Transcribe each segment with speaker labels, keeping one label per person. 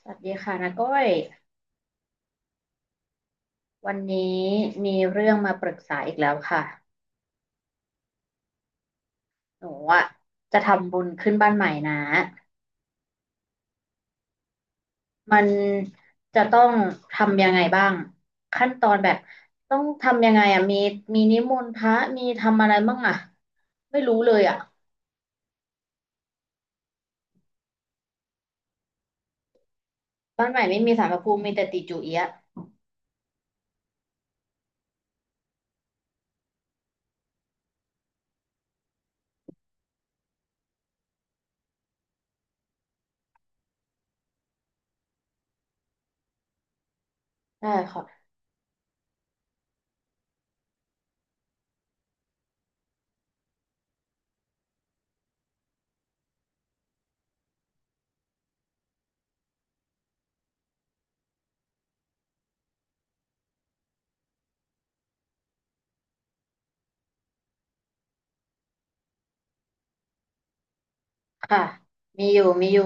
Speaker 1: สวัสดีค่ะนาก้อยวันนี้มีเรื่องมาปรึกษาอีกแล้วค่ะหนูอะจะทำบุญขึ้นบ้านใหม่นะมันจะต้องทำยังไงบ้างขั้นตอนแบบต้องทำยังไงอะมีมีนิมนต์พระมีทำอะไรบ้างอะไม่รู้เลยอะบ้านใหม่ไม่มีศาลพระภูมิมีแต่ติจูเอียะได้ค่ะค่ะมีอยู่มีอยู่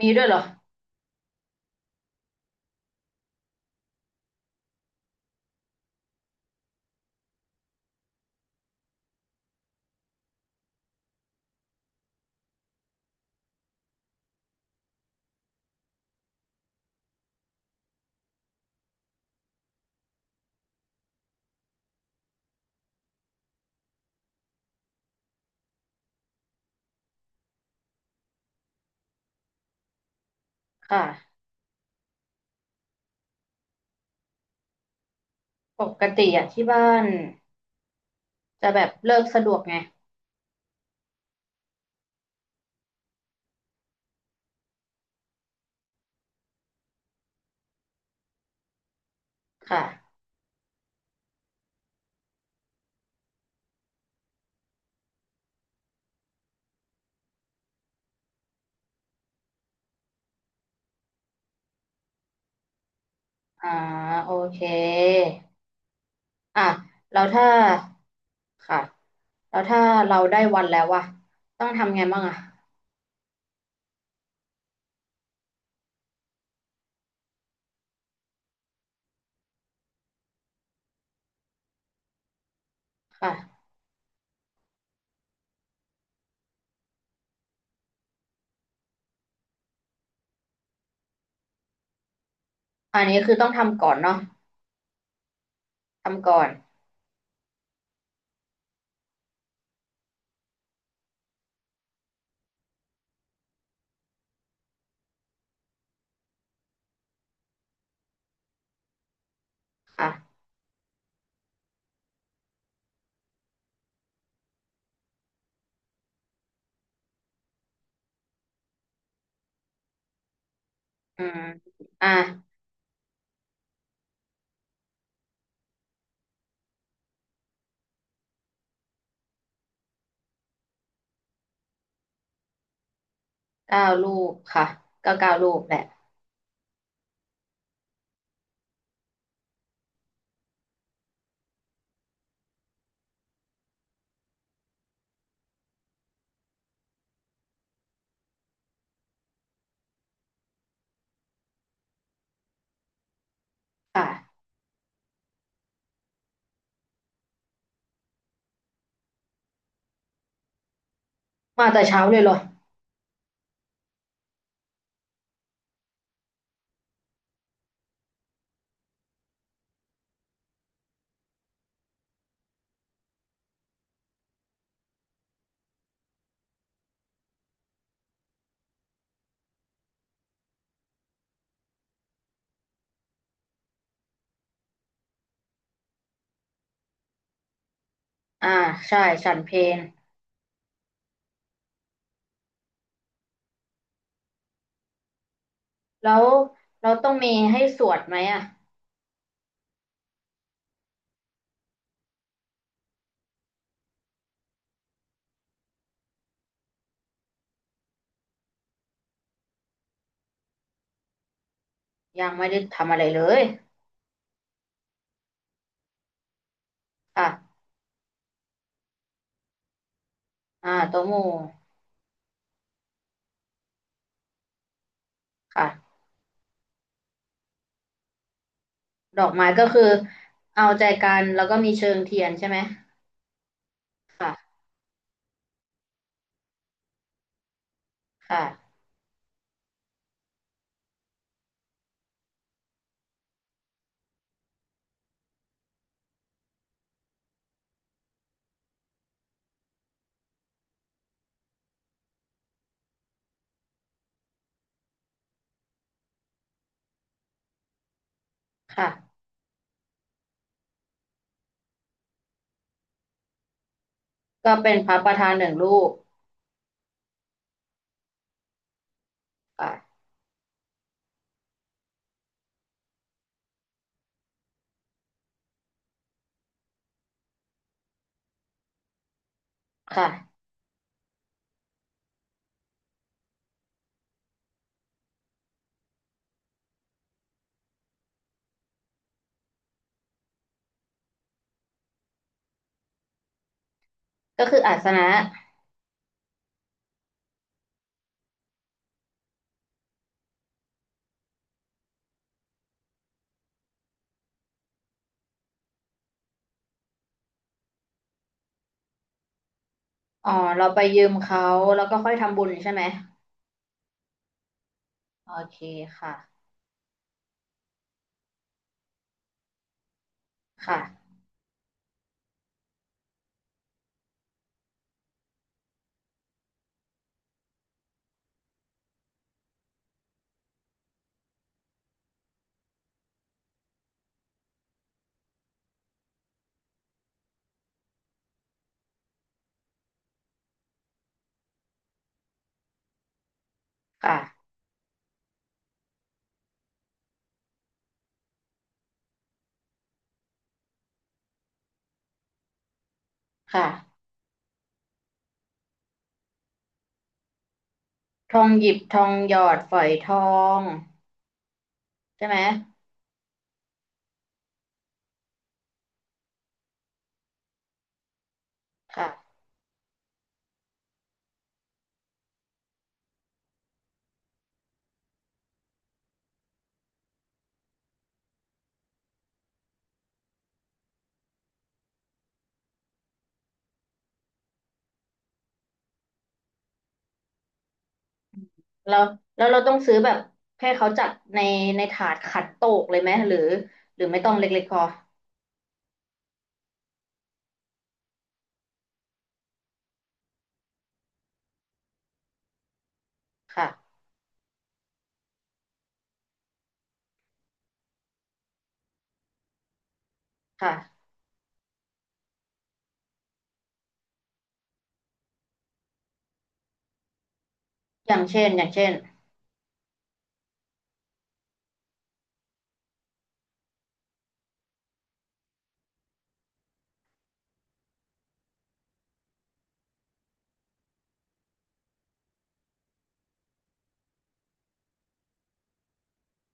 Speaker 1: มีด้วยเหรอค่ะปกติอะที่บ้านจะแบบเลิกสะดวกไงค่ะ อ่าโอเคอ่ะแล้วถ้าค่ะแล้วถ้าเราได้วันแล้วอะต้องทำไงบ้างอะค่ะอันนี้คือต้องทำก่อนเนาะทำก่อนค่ะอืมอ่ะเก้าลูกค่ะก็เก้าลูกแหละค่ะมาแต่เช้าเลยเหรออ่าใช่ฉันเพลแล้วเราต้องมีให้สวดไหมอะยังไม่ได้ทำอะไรเลยค่ะอ่าโตะหมู่ค่ะดอกไม้ก็คือเอาใจกันแล้วก็มีเชิงเทียนใช่ไหม ค่ะค่ะค่ะก็เป็นพระประธาน1 รูปค่ะค่ะก็คืออาสนะอ๋อเราไปยืมเขาแล้วก็ค่อยทำบุญใช่ไหมโอเคค่ะค่ะค่ะค่ะ ทองหยิบทองหยอดฝอยทองใช่ไหมค่ะแล้วแล้วเราต้องซื้อแบบให้เขาจัดในในถาดขัดโตกเลยไหมหรือหรือไม่ต้องเล็กๆพอค่ะค่ะอย่างเช่นอย่างเช่น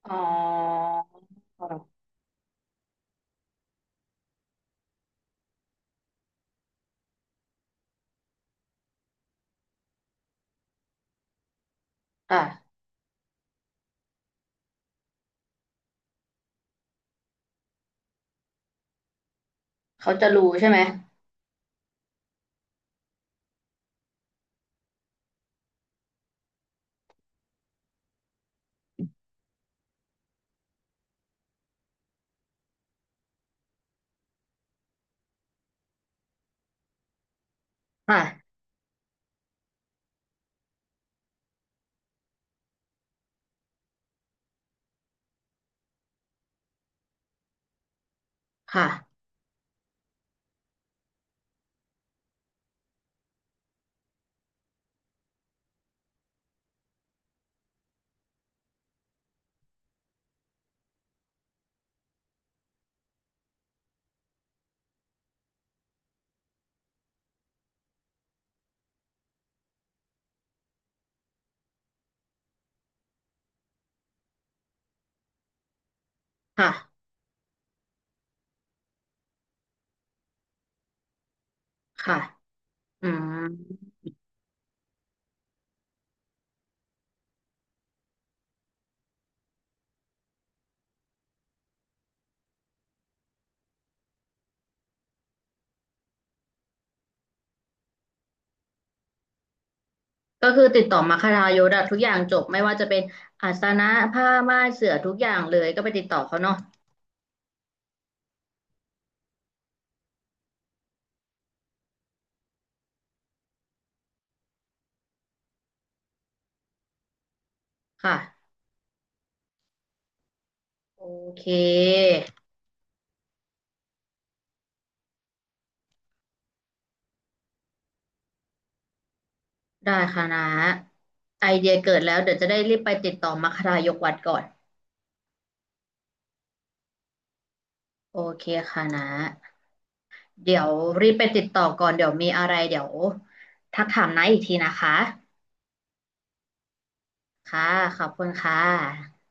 Speaker 1: อ๋อค่ะเขาจะรู้ใช่ไหมค่ะค่ะ ค่ะค่ะ อืมก็คือติดต่อมาคทายศอะทุกอย่างจบไม่ว่าจะเป็นอาสนะผ้าม่านเสื่อทุกอย่างเลยก็ไปติดต่อเขาเนาะค่ะโอเคได้ค่ะนะไอเดียเกิดแล้วเดี๋ยวจะได้รีบไปติดต่อมัคคทายกวัดก่อนโอเคค่ะนะเดี๋ยวรีบไปติดต่อก่อนเดี๋ยวมีอะไรเดี๋ยวทักถามนะอีกทีนะคะค่ะขอบคุณค่ะ